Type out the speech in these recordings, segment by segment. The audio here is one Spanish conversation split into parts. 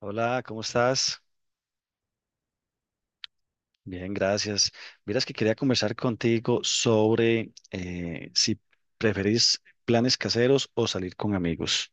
Hola, ¿cómo estás? Bien, gracias. Miras que quería conversar contigo sobre si preferís planes caseros o salir con amigos.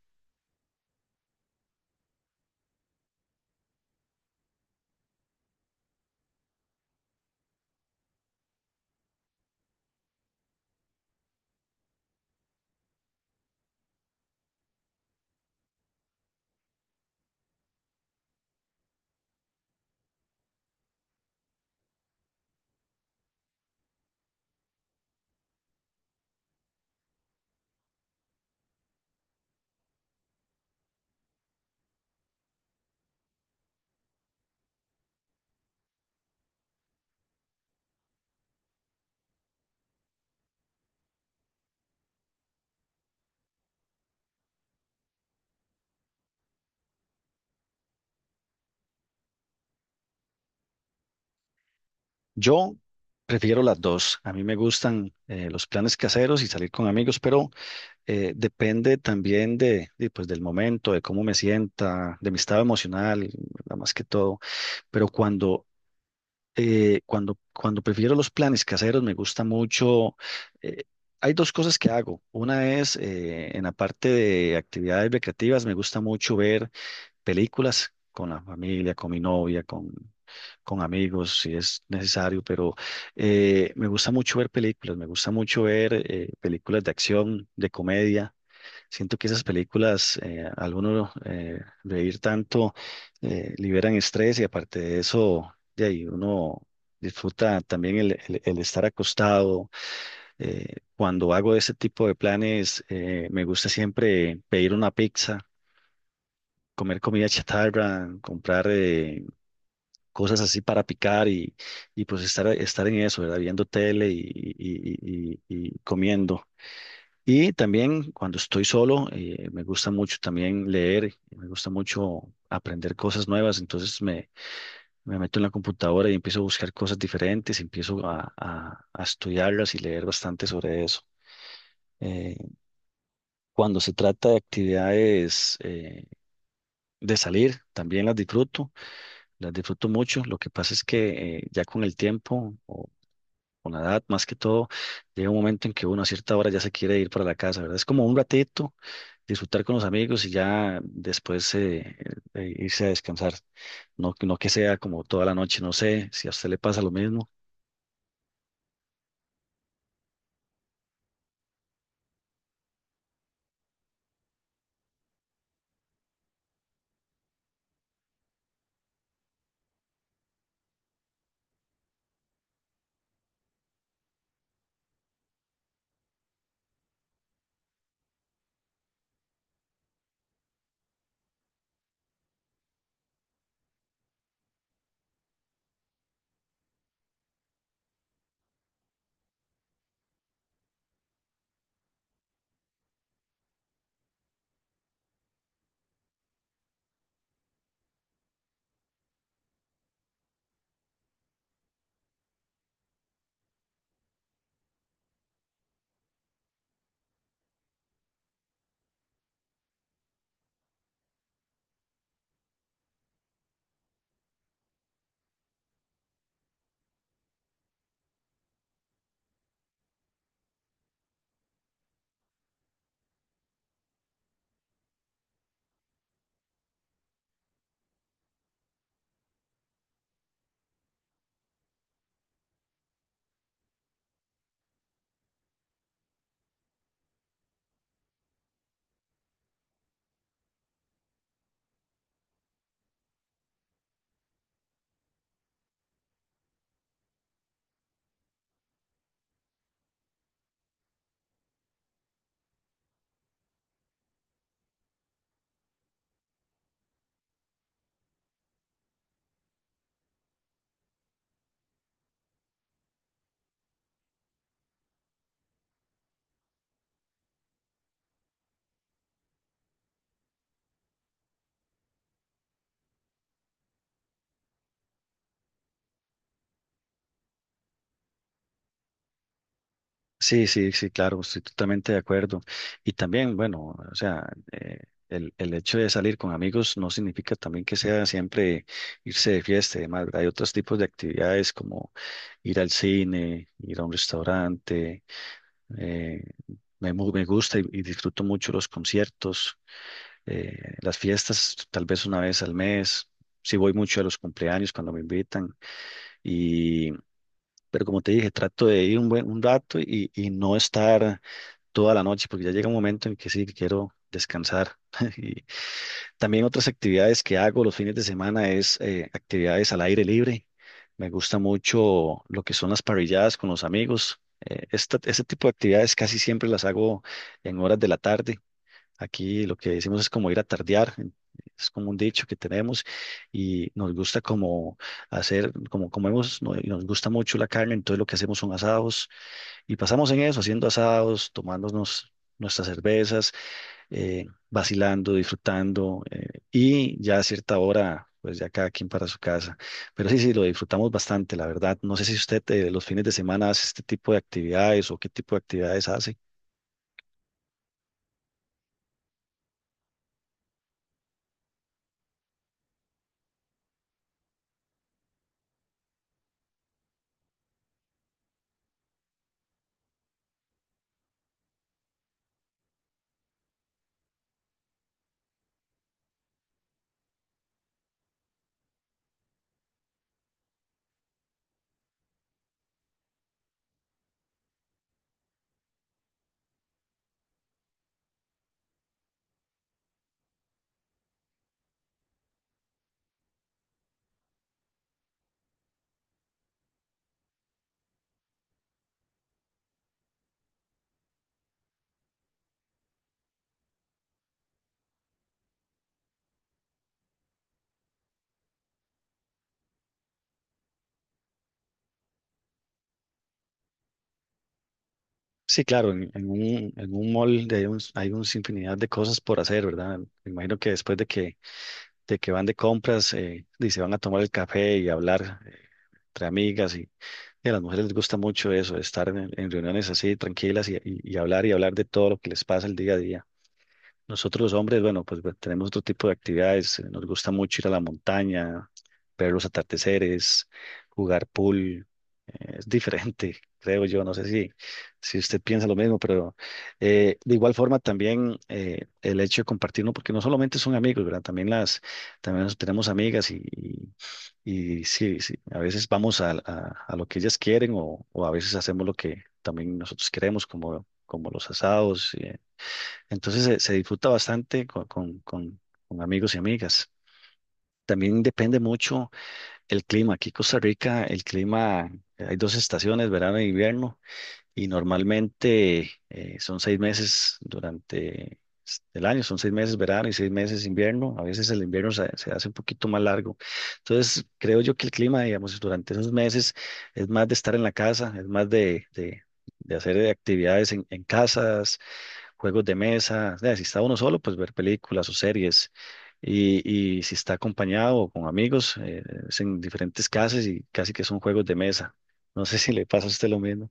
Yo prefiero las dos. A mí me gustan los planes caseros y salir con amigos, pero depende también pues, del momento, de cómo me sienta, de mi estado emocional, nada más que todo. Pero cuando prefiero los planes caseros, me gusta mucho. eh, Hay dos cosas que hago. Una es en la parte de actividades recreativas, me gusta mucho ver películas con la familia, con mi novia, con amigos, si es necesario, pero me gusta mucho ver películas, me gusta mucho ver películas de acción, de comedia. Siento que esas películas, al uno reír tanto, liberan estrés y aparte de eso, de ahí uno disfruta también el estar acostado. Eh, Cuando hago ese tipo de planes, me gusta siempre pedir una pizza, comer comida chatarra, comprar cosas así para picar y pues estar en eso, ¿verdad? Viendo tele y comiendo. Y también cuando estoy solo, me gusta mucho también leer, me gusta mucho aprender cosas nuevas, entonces me meto en la computadora y empiezo a buscar cosas diferentes, empiezo a estudiarlas y leer bastante sobre eso. Eh, Cuando se trata de actividades de salir, también las disfruto mucho. Lo que pasa es que ya con el tiempo o con la edad, más que todo, llega un momento en que uno a cierta hora ya se quiere ir para la casa, ¿verdad? Es como un ratito, disfrutar con los amigos y ya después irse a descansar. No, no que sea como toda la noche, no sé si a usted le pasa lo mismo. Sí, sí, sí, claro, estoy totalmente de acuerdo. Y también, bueno, o sea, eh, el hecho de salir con amigos no significa también que sea siempre irse de fiesta y demás, ¿verdad? Hay otros tipos de actividades como ir al cine, ir a un restaurante, eh, me gusta y disfruto mucho los conciertos, las fiestas, tal vez una vez al mes. Sí voy mucho a los cumpleaños cuando me invitan y, pero como te dije, trato de ir un buen un rato y no estar toda la noche, porque ya llega un momento en que sí, que quiero descansar. También otras actividades que hago los fines de semana es actividades al aire libre. Me gusta mucho lo que son las parrilladas con los amigos. Este tipo de actividades casi siempre las hago en horas de la tarde. Aquí lo que decimos es como ir a tardear. Es como un dicho que tenemos y nos gusta como hacer, como comemos, no- y nos gusta mucho la carne, entonces lo que hacemos son asados y pasamos en eso, haciendo asados, tomándonos nuestras cervezas, vacilando, disfrutando, y ya a cierta hora, pues ya cada quien para su casa. Pero sí, sí, lo disfrutamos bastante, la verdad. No sé si usted los fines de semana hace este tipo de actividades o qué tipo de actividades hace. Sí, claro, en un mall de- hay un infinidad de cosas por hacer, ¿verdad? Me imagino que de que van de compras y se van a tomar el café y hablar entre amigas y a las mujeres les gusta mucho eso, estar en reuniones así tranquilas y hablar de todo lo que les pasa el día a día. Nosotros los hombres, bueno, pues bueno, tenemos otro tipo de actividades. Nos gusta mucho ir a la montaña, ver los atardeceres, jugar pool. Es diferente, creo yo. No sé si usted piensa lo mismo, pero de igual forma también el hecho de compartirlo, porque no solamente son amigos, ¿verdad? También también nos- tenemos amigas y, y sí, sí, a veces vamos a lo que ellas quieren o a veces hacemos lo que también nosotros queremos, como los asados. Entonces se disfruta bastante con amigos y amigas. También depende mucho el clima. Aquí en Costa Rica, el clima, hay dos estaciones, verano e invierno, y normalmente son 6 meses durante s- el año, son 6 meses verano y 6 meses invierno. A veces el invierno se hace un poquito más largo. Entonces, creo yo que el clima, digamos, durante esos meses es más de estar en la casa, es más de hacer actividades en casa, juegos de mesa, o si está uno solo, pues ver películas o series. Y si está acompañado o con amigos, es en diferentes casas y casi que son juegos de mesa. No sé si le pasa a usted lo mismo.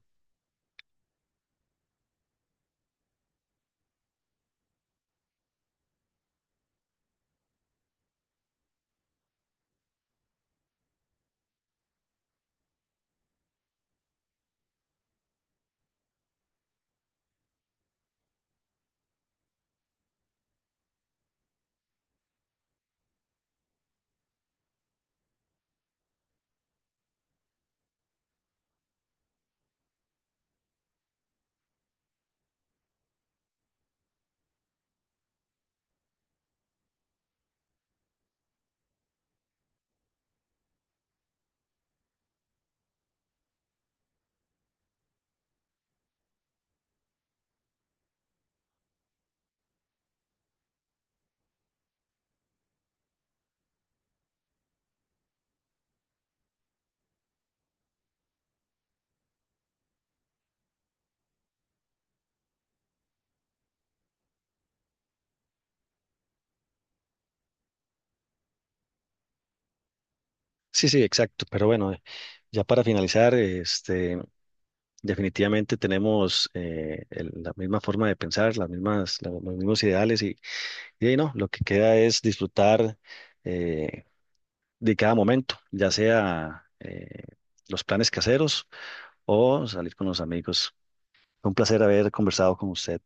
Sí, sí, exacto. Pero bueno, ya para finalizar, este, definitivamente tenemos la misma forma de pensar, los mismos ideales y ahí no, lo que queda es disfrutar eh, de cada momento, ya sea los planes caseros o salir con los amigos. Fue un placer haber conversado con usted.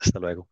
Hasta luego.